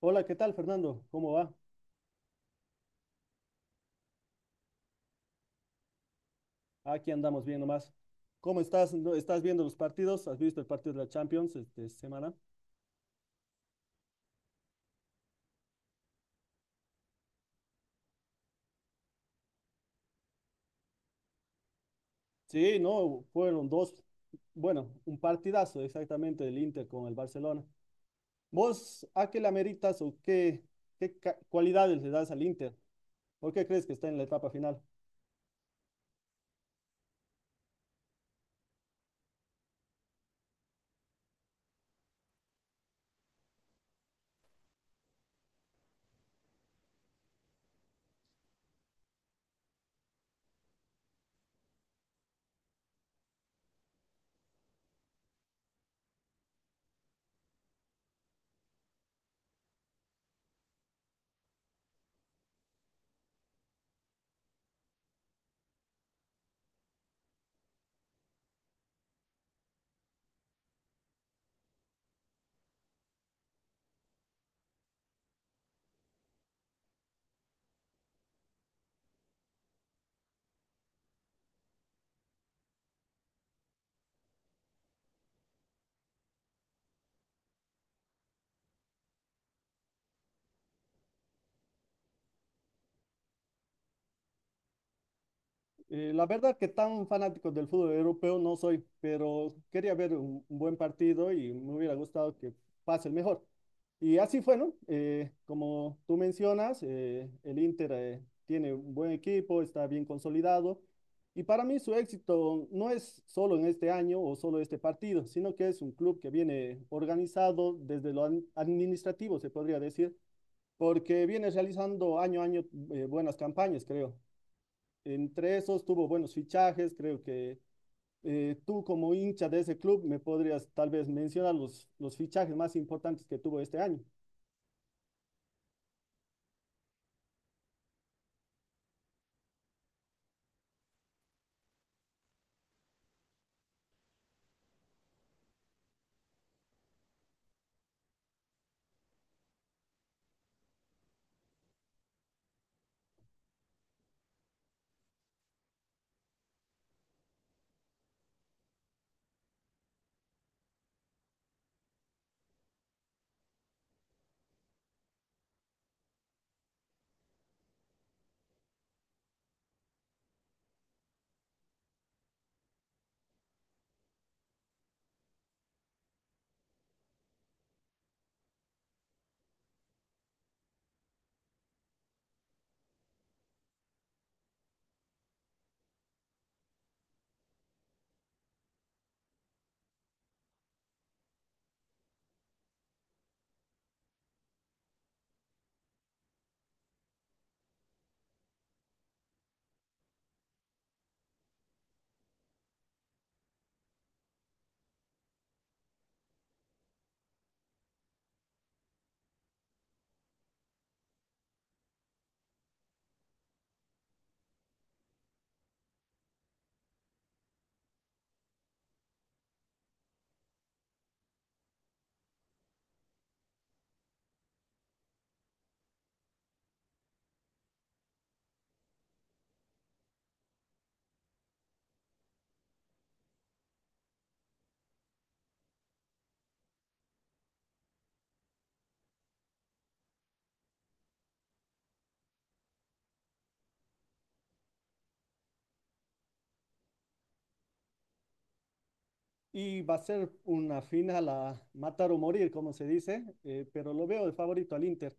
Hola, ¿qué tal, Fernando? ¿Cómo va? Aquí andamos bien nomás. ¿Cómo estás? ¿Estás viendo los partidos? ¿Has visto el partido de la Champions esta semana? Sí, no, fueron dos, bueno, un partidazo exactamente del Inter con el Barcelona. ¿Vos a qué le ameritas o qué, qué cualidades le das al Inter? ¿Por qué crees que está en la etapa final? La verdad que tan fanático del fútbol europeo no soy, pero quería ver un buen partido y me hubiera gustado que pase el mejor. Y así fue, ¿no? Como tú mencionas, el Inter tiene un buen equipo, está bien consolidado. Y para mí su éxito no es solo en este año o solo este partido, sino que es un club que viene organizado desde lo administrativo, se podría decir, porque viene realizando año a año buenas campañas, creo, entre esos tuvo buenos fichajes, creo que tú como hincha de ese club me podrías tal vez mencionar los fichajes más importantes que tuvo este año. Y va a ser una final a matar o morir, como se dice, pero lo veo de favorito al Inter.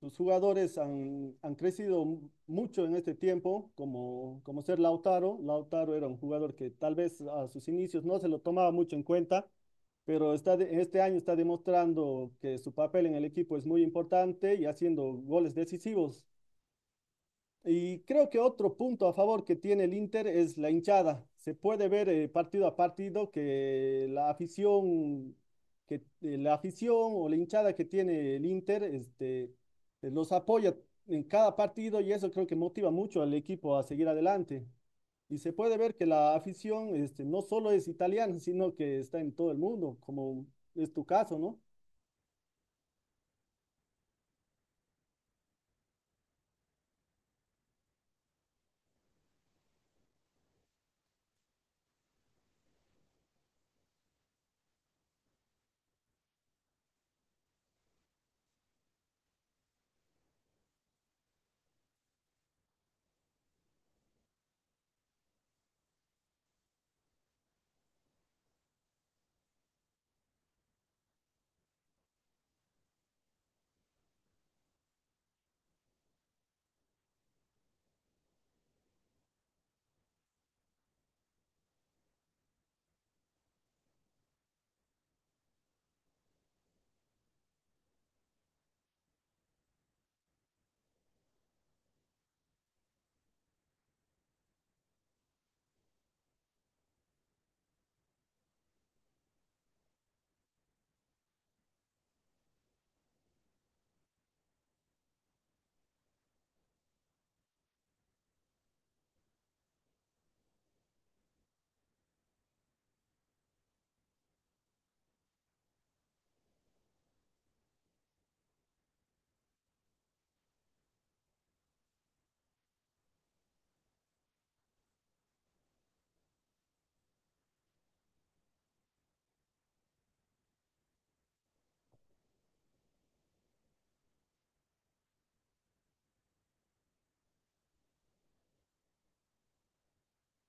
Sus jugadores han crecido mucho en este tiempo, como ser Lautaro. Lautaro era un jugador que tal vez a sus inicios no se lo tomaba mucho en cuenta, pero en este año está demostrando que su papel en el equipo es muy importante y haciendo goles decisivos. Y creo que otro punto a favor que tiene el Inter es la hinchada. Se puede ver partido a partido que la afición o la hinchada que tiene el Inter, este, los apoya en cada partido y eso creo que motiva mucho al equipo a seguir adelante. Y se puede ver que la afición, este, no solo es italiana, sino que está en todo el mundo, como es tu caso, ¿no?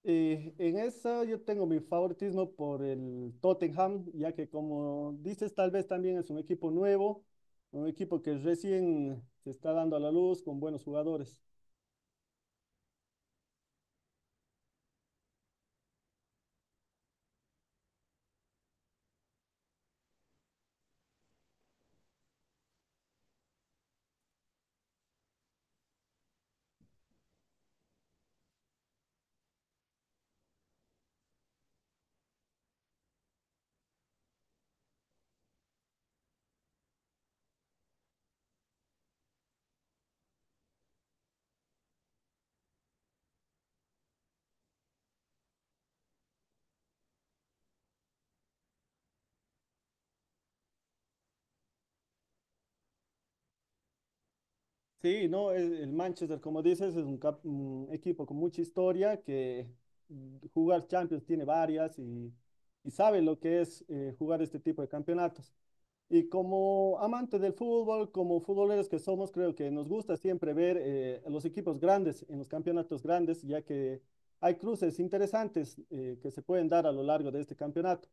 En esa yo tengo mi favoritismo por el Tottenham, ya que como dices, tal vez también es un equipo nuevo, un equipo que recién se está dando a la luz con buenos jugadores. Sí, no, el Manchester, como dices, es un, un equipo con mucha historia que mm, jugar Champions tiene varias y sabe lo que es jugar este tipo de campeonatos. Y como amantes del fútbol, como futboleros que somos, creo que nos gusta siempre ver los equipos grandes en los campeonatos grandes, ya que hay cruces interesantes que se pueden dar a lo largo de este campeonato,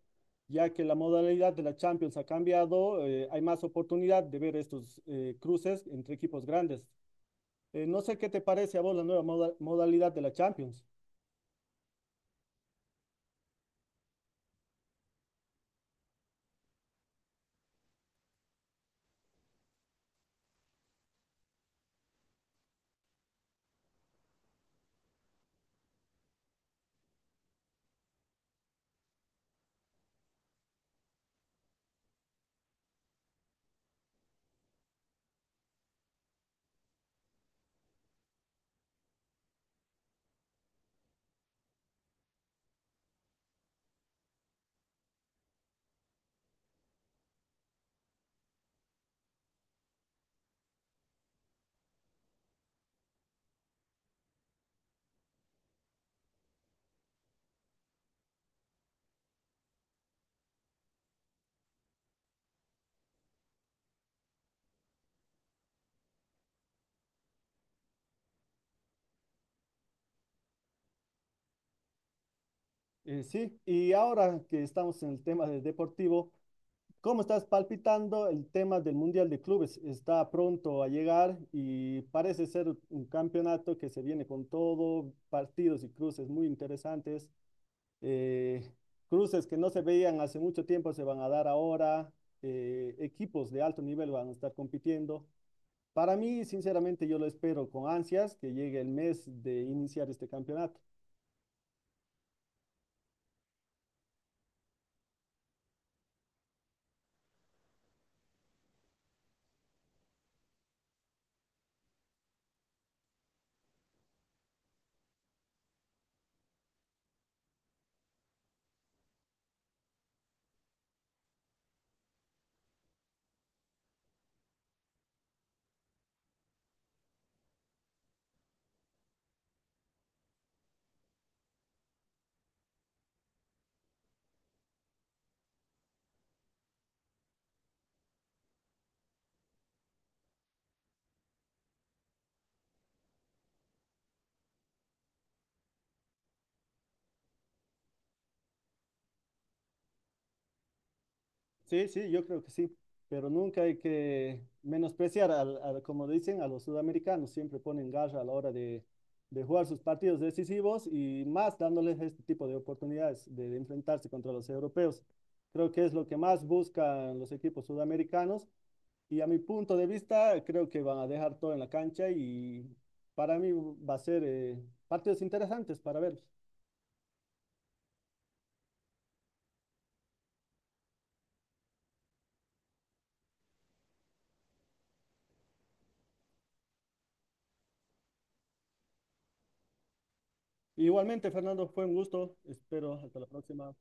ya que la modalidad de la Champions ha cambiado, hay más oportunidad de ver estos cruces entre equipos grandes. No sé qué te parece a vos la nueva modalidad de la Champions. Sí, y ahora que estamos en el tema del deportivo. ¿Cómo estás palpitando el tema del Mundial de Clubes? Está pronto a llegar y parece ser un campeonato que se viene con todo, partidos y cruces muy interesantes. eh, Cruces que no se veían hace mucho tiempo se van a dar ahora. Equipos de alto nivel van a estar compitiendo. Para mí, sinceramente, yo lo espero con ansias que llegue el mes de iniciar este campeonato. Sí, sí, yo creo que sí, pero nunca hay que menospreciar, al, como dicen, a los sudamericanos, siempre ponen garra a la hora de jugar sus partidos decisivos y más dándoles este tipo de oportunidades de enfrentarse contra los europeos. Creo que es lo que más buscan los equipos sudamericanos y a mi punto de vista creo que van a dejar todo en la cancha y para mí va a ser partidos interesantes para verlos. Igualmente, Fernando, fue un gusto, espero hasta la próxima.